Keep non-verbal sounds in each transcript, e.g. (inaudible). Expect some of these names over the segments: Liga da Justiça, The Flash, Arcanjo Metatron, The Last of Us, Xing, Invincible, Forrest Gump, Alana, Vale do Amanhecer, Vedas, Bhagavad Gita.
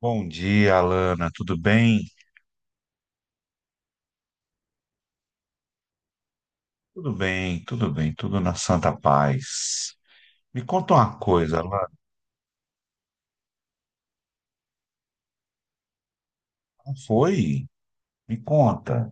Bom dia, Alana. Tudo bem? Tudo bem, tudo bem, tudo na santa paz. Me conta uma coisa, Alana. Não foi? Me conta.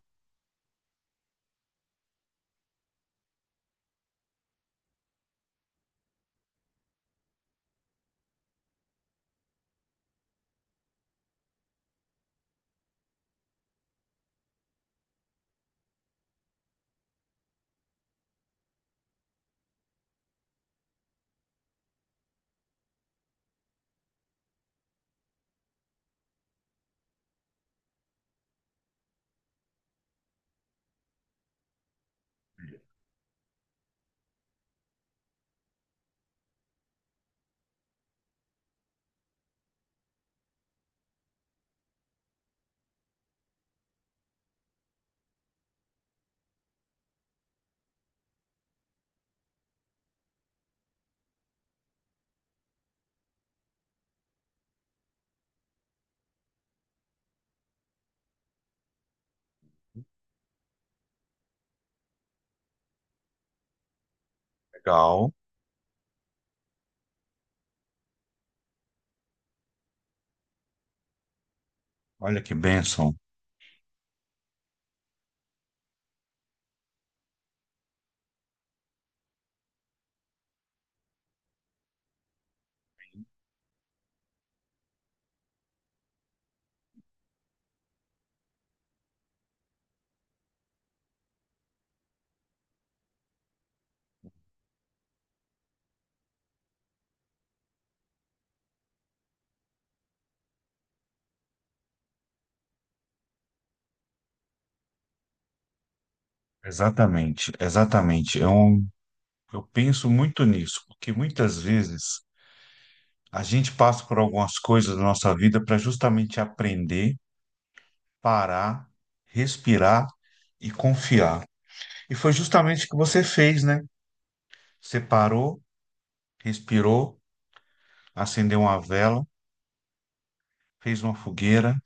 Legal. Olha que bênção. Exatamente, exatamente. Eu penso muito nisso, porque muitas vezes a gente passa por algumas coisas da nossa vida para justamente aprender, parar, respirar e confiar. E foi justamente o que você fez, né? Você parou, respirou, acendeu uma vela, fez uma fogueira,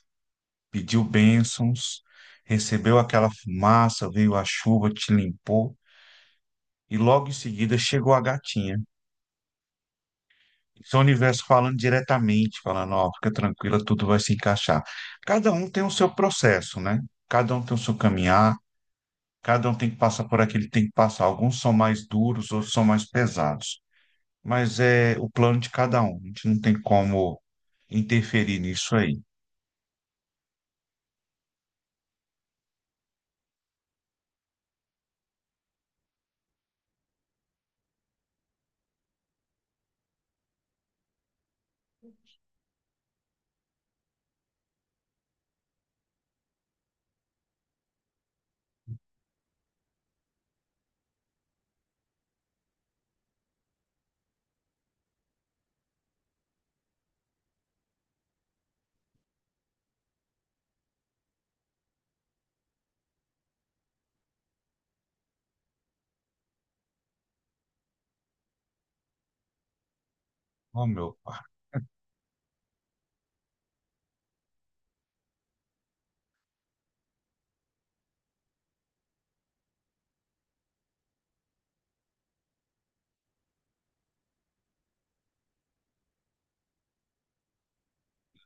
pediu bênçãos, recebeu aquela fumaça, veio a chuva, te limpou, e logo em seguida chegou a gatinha. Isso é o universo falando diretamente, falando, ó, fica tranquila, tudo vai se encaixar. Cada um tem o seu processo, né? Cada um tem o seu caminhar, cada um tem que passar por aquele tem que passar. Alguns são mais duros, outros são mais pesados. Mas é o plano de cada um. A gente não tem como interferir nisso aí. Oh, meu pai,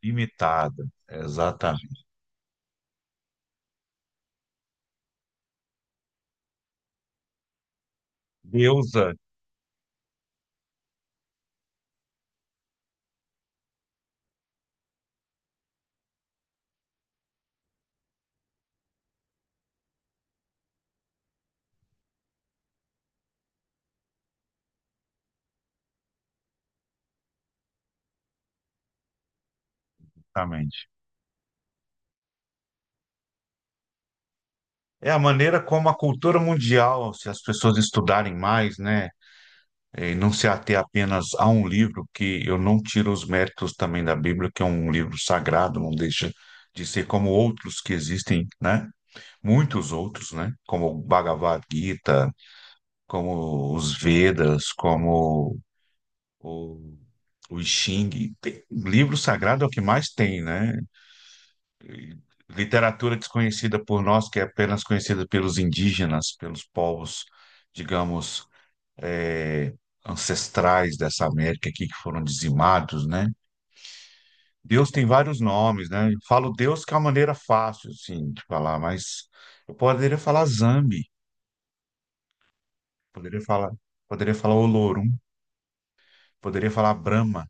limitada. Exatamente. Deusa. Exatamente. É a maneira como a cultura mundial, se as pessoas estudarem mais, né, e não se ater apenas a um livro, que eu não tiro os méritos também da Bíblia, que é um livro sagrado, não deixa de ser como outros que existem, né, muitos outros, né, como o Bhagavad Gita, como os Vedas, como o, o Xing. Tem- livro sagrado é o que mais tem, né? Literatura desconhecida por nós, que é apenas conhecida pelos indígenas, pelos povos, digamos, eh, ancestrais dessa América aqui que foram dizimados, né? Deus tem vários nomes, né? Eu falo Deus que é uma maneira fácil, assim, de falar, mas eu poderia falar Zambi, poderia falar, poderia falar Olorum, poderia falar Brahma.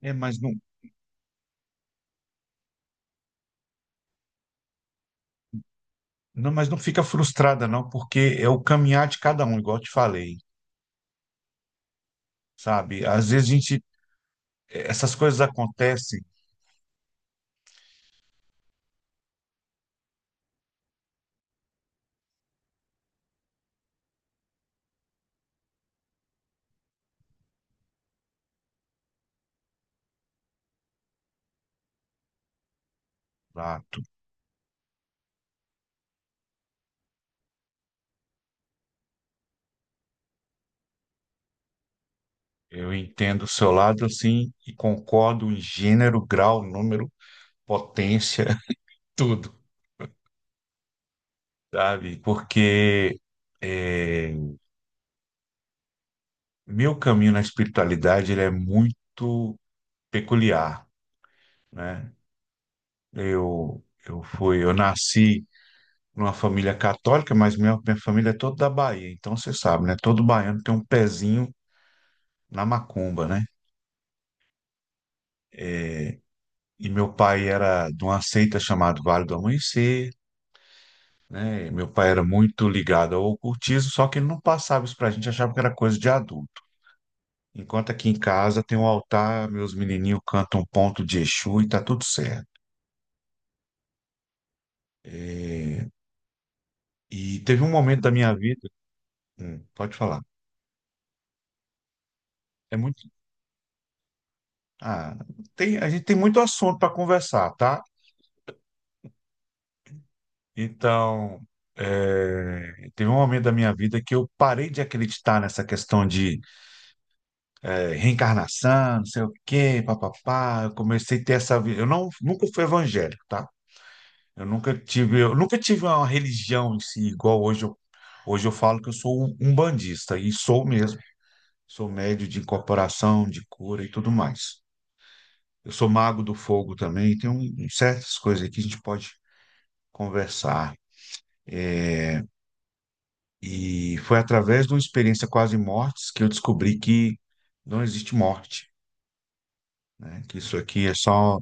Mas não, mas não fica frustrada, não, porque é o caminhar de cada um, igual eu te falei, sabe? Às vezes a gente, essas coisas acontecem. Exato. Eu entendo o seu lado, assim, e concordo em gênero, grau, número, potência, (laughs) tudo, sabe? Porque é, meu caminho na espiritualidade ele é muito peculiar, né? Eu nasci numa família católica, mas minha família é toda da Bahia, então você sabe, né? Todo baiano tem um pezinho na macumba, né? E meu pai era de uma seita chamada Vale do Amanhecer, né? Meu pai era muito ligado ao ocultismo, só que ele não passava isso pra gente, achava que era coisa de adulto. Enquanto aqui em casa tem um altar, meus menininhos cantam um ponto de Exu e tá tudo certo. É, E teve um momento da minha vida. Pode falar. É muito, ah, tem, a gente tem muito assunto para conversar, tá? Então, teve um momento da minha vida que eu parei de acreditar nessa questão de reencarnação, não sei o quê, papapá. Eu comecei a ter essa vida. Eu não, nunca fui evangélico, tá? Eu nunca tive uma religião em si, igual hoje eu falo que eu sou um umbandista, e sou mesmo. Sou médio de incorporação, de cura e tudo mais. Eu sou mago do fogo também, tem um certas coisas aqui que a gente pode conversar. E foi através de uma experiência quase mortes que eu descobri que não existe morte, né? Que isso aqui é só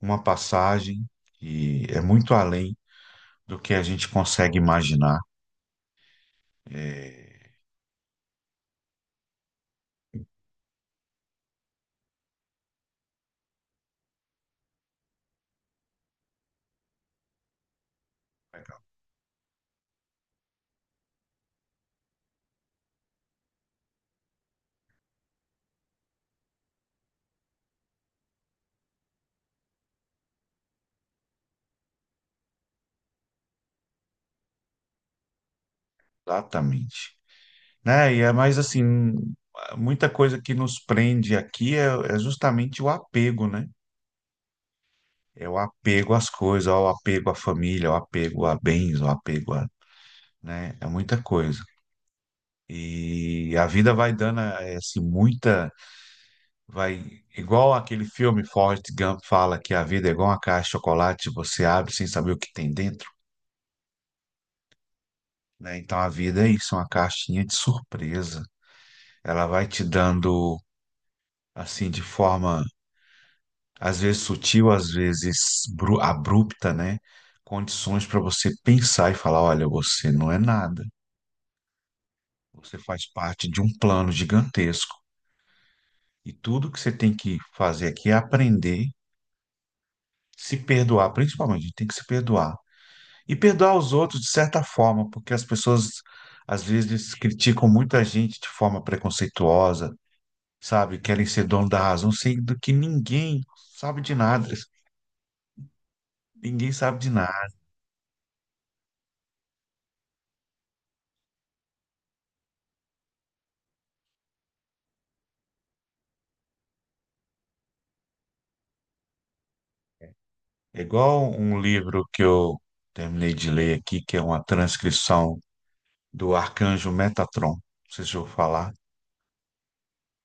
uma passagem que é muito além do que a gente consegue imaginar. Exatamente. Né? E é mais assim, muita coisa que nos prende aqui é justamente o apego, né? É o apego às coisas, o apego à família, o apego a bens, o apego a, né? É muita coisa. E a vida vai dando assim, muita, vai, igual aquele filme Forrest Gump fala que a vida é igual uma caixa de chocolate, você abre sem saber o que tem dentro. Né? Então a vida é isso, é uma caixinha de surpresa. Ela vai te dando, assim, de forma às vezes sutil, às vezes bru- abrupta, né? Condições para você pensar e falar: olha, você não é nada, você faz parte de um plano gigantesco. E tudo que você tem que fazer aqui é aprender, se perdoar, principalmente, a gente tem que se perdoar. E perdoar os outros de certa forma, porque as pessoas às vezes criticam muita gente de forma preconceituosa, sabe? Querem ser dono da razão, sendo que ninguém sabe de nada. Ninguém sabe de nada. É igual um livro que eu terminei de ler aqui, que é uma transcrição do Arcanjo Metatron. Não sei se eu vou falar.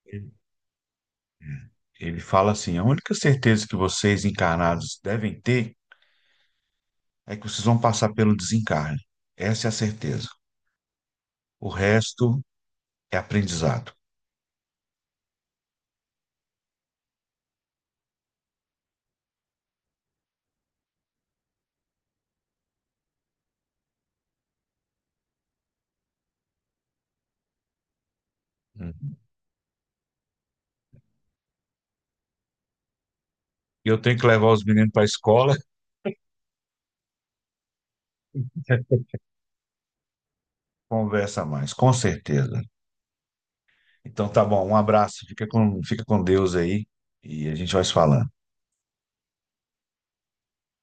Ele ele fala assim: a única certeza que vocês encarnados devem ter é que vocês vão passar pelo desencarne. Essa é a certeza. O resto é aprendizado. Uhum. Eu tenho que levar os meninos para a escola, (laughs) conversa mais, com certeza. Então tá bom, um abraço, fica com Deus aí e a gente vai se falando.